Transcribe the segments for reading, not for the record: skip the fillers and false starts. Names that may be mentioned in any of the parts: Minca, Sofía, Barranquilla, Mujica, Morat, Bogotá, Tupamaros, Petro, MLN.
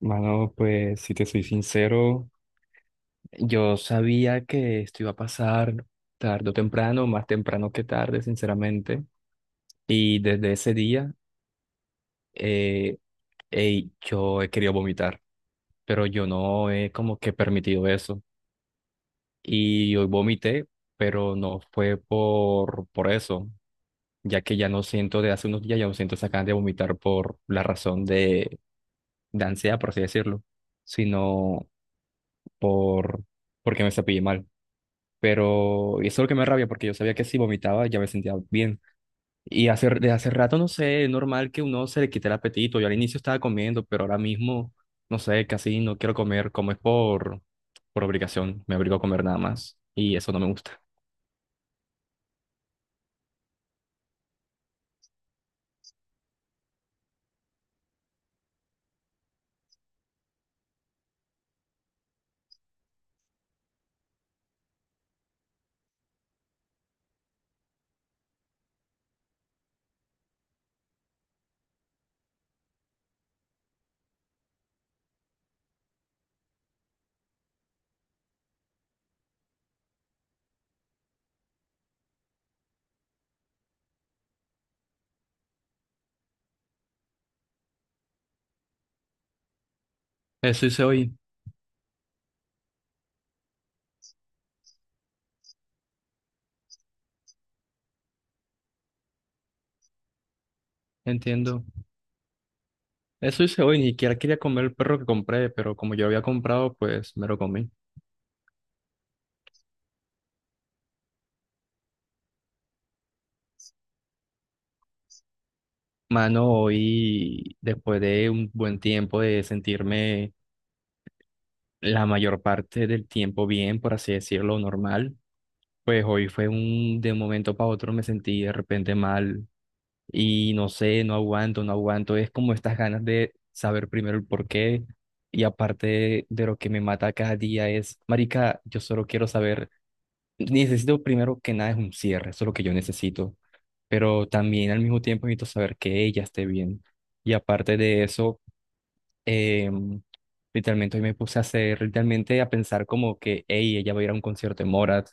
Mano, pues si te soy sincero, yo sabía que esto iba a pasar tarde o temprano, más temprano que tarde, sinceramente. Y desde ese día, eh, ey, yo he querido vomitar, pero yo no he como que permitido eso. Y hoy vomité, pero no fue por eso, ya que ya no siento, de hace unos días ya no siento esa ganas de vomitar por la razón de ansiedad, por así decirlo, sino por porque me cepillé mal. Pero y eso es lo que me da rabia porque yo sabía que si vomitaba ya me sentía bien. Y hace, desde hace rato, no sé, es normal que uno se le quite el apetito. Yo al inicio estaba comiendo, pero ahora mismo, no sé, casi no quiero comer. Como es por obligación, me obligo a comer nada más. Y eso no me gusta. Eso hice hoy, entiendo. Eso hice hoy, ni siquiera quería comer el perro que compré, pero como yo lo había comprado, pues me lo comí. Mano, hoy, después de un buen tiempo de sentirme la mayor parte del tiempo bien, por así decirlo, normal. Pues hoy fue un, de un momento para otro me sentí de repente mal y no sé, no aguanto, no aguanto. Es como estas ganas de saber primero el porqué y aparte de lo que me mata cada día es, marica, yo solo quiero saber, necesito primero que nada es un cierre, eso es lo que yo necesito, pero también al mismo tiempo necesito saber que ella esté bien. Y aparte de eso, Em, literalmente hoy me puse a hacer, literalmente a pensar como que, hey, ella va a ir a un concierto de Morat.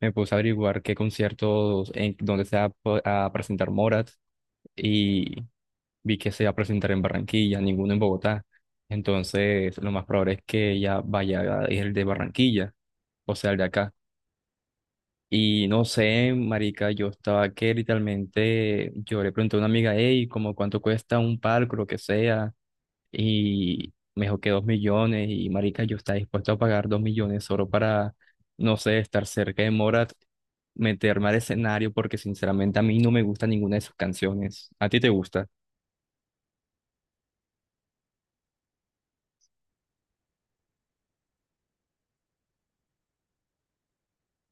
Me puse a averiguar qué conciertos, en dónde se va a, a presentar Morat y vi que se va a presentar en Barranquilla, ninguno en Bogotá. Entonces, lo más probable es que ella vaya a ir el de Barranquilla, o sea, el de acá. Y no sé, marica, yo estaba que literalmente, yo le pregunté a una amiga, hey, como cuánto cuesta un palco, lo que sea y me dijo que 2 millones y marica, yo estaba dispuesto a pagar 2 millones solo para, no sé, estar cerca de Morat, meterme al escenario porque sinceramente a mí no me gusta ninguna de sus canciones. ¿A ti te gusta?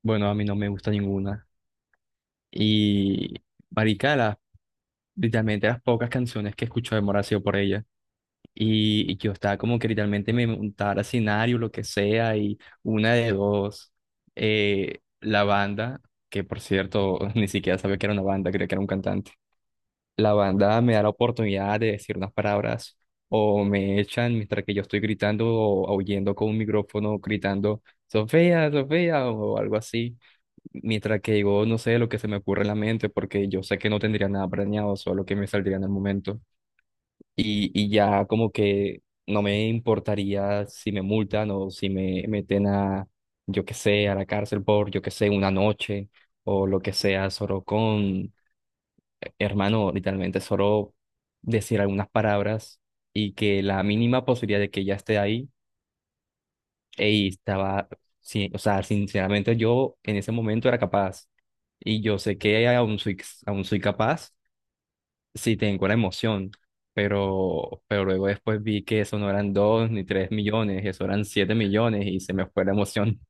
Bueno, a mí no me gusta ninguna. Y marica, literalmente las pocas canciones que escucho de Morat ha sido por ella. Y yo estaba como que literalmente me montaba escenario, lo que sea, y una de dos, la banda, que por cierto ni siquiera sabía que era una banda, creía que era un cantante, la banda me da la oportunidad de decir unas palabras o me echan mientras que yo estoy gritando o aullando con un micrófono, gritando, Sofía, Sofía, o algo así, mientras que digo, no sé, lo que se me ocurre en la mente, porque yo sé que no tendría nada planeado, solo que me saldría en el momento y ya como que no me importaría si me multan o si me meten a, yo qué sé, a la cárcel por, yo qué sé, una noche o lo que sea, solo con, hermano, literalmente solo decir algunas palabras y que la mínima posibilidad de que ya esté ahí, y estaba, sí, o sea, sinceramente yo en ese momento era capaz y yo sé que aún soy capaz sí, tengo la emoción, pero luego después vi que eso no eran 2 ni 3 millones, eso eran 7 millones y se me fue la emoción.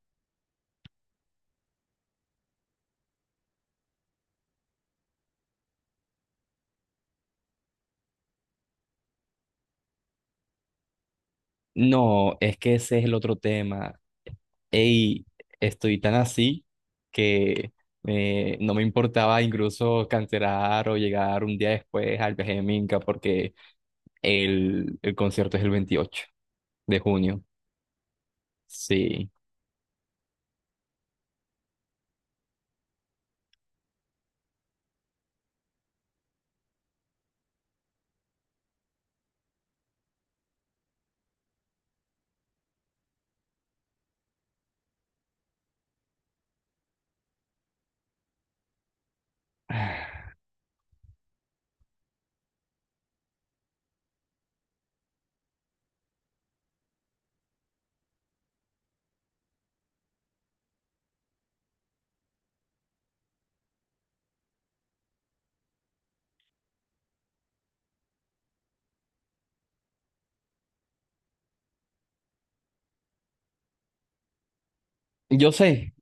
No, es que ese es el otro tema. Ey, estoy tan así que no me importaba incluso cancelar o llegar un día después al viaje de Minca porque el concierto es el 28 de junio. Sí. Yo sé,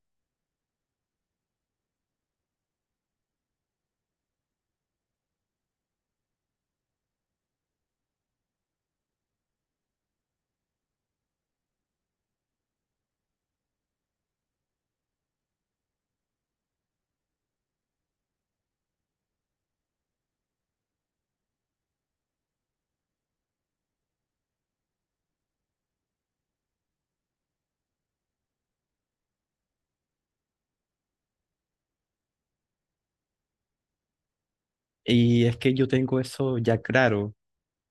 y es que yo tengo eso ya claro.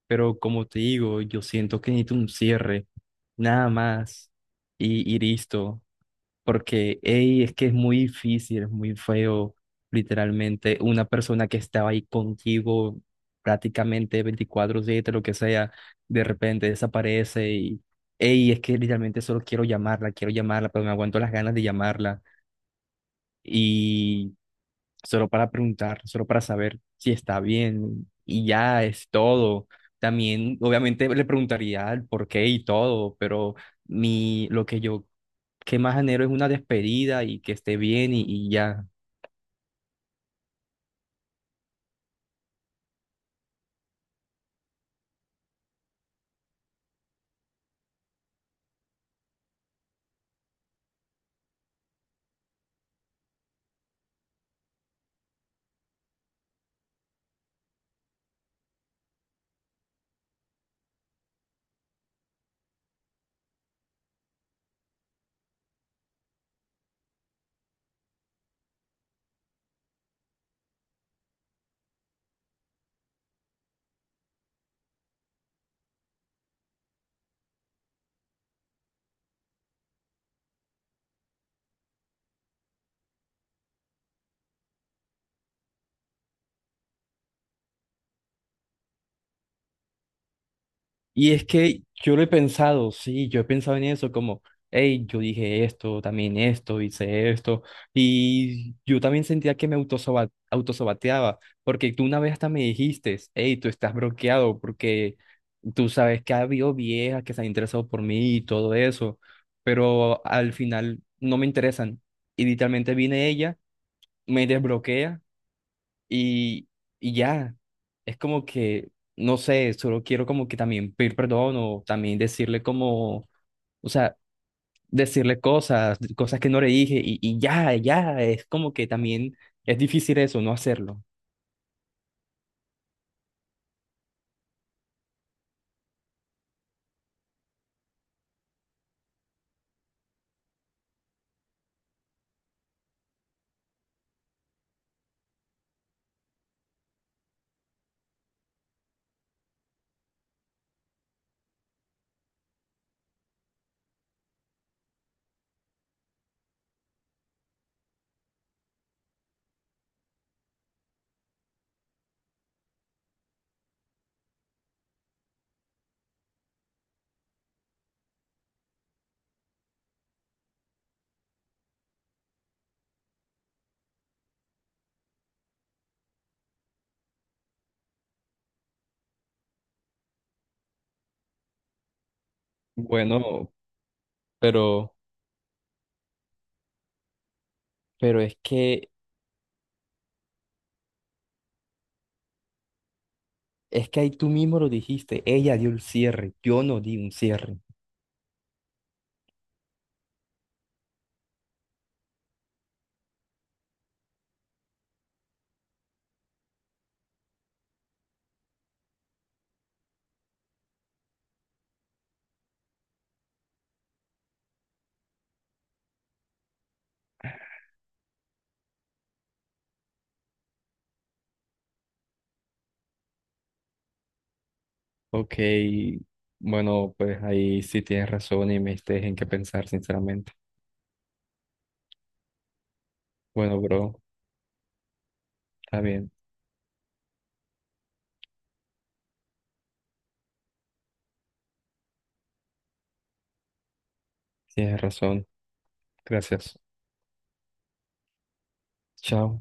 Pero como te digo, yo siento que necesito un cierre, nada más, y listo, porque ey, es que es muy difícil, es muy feo, literalmente, una persona que estaba ahí contigo prácticamente 24/7, lo que sea, de repente desaparece y, ey, es que literalmente solo quiero llamarla, pero me aguanto las ganas de llamarla y solo para preguntar, solo para saber si está bien y ya es todo. También, obviamente, le preguntaría el por qué y todo, pero mi, lo que yo que más anhelo es una despedida y que esté bien y ya. Y es que yo lo he pensado, sí, yo he pensado en eso, como, hey, yo dije esto, también esto, hice esto, y yo también sentía que me autosaboteaba, porque tú una vez hasta me dijiste, hey, tú estás bloqueado, porque tú sabes que ha habido viejas que se han interesado por mí y todo eso, pero al final no me interesan, y literalmente viene ella, me desbloquea y, y ya, es como que, no sé, solo quiero como que también pedir perdón o también decirle como, o sea, decirle cosas, cosas que no le dije y ya, ya, es como que también es difícil eso, no hacerlo. Bueno, pero, pero es que ahí tú mismo lo dijiste, ella dio el cierre, yo no di un cierre. Ok, bueno, pues ahí sí tienes razón y me diste en qué pensar, sinceramente. Bueno, bro, está bien, tienes razón. Gracias. Chao.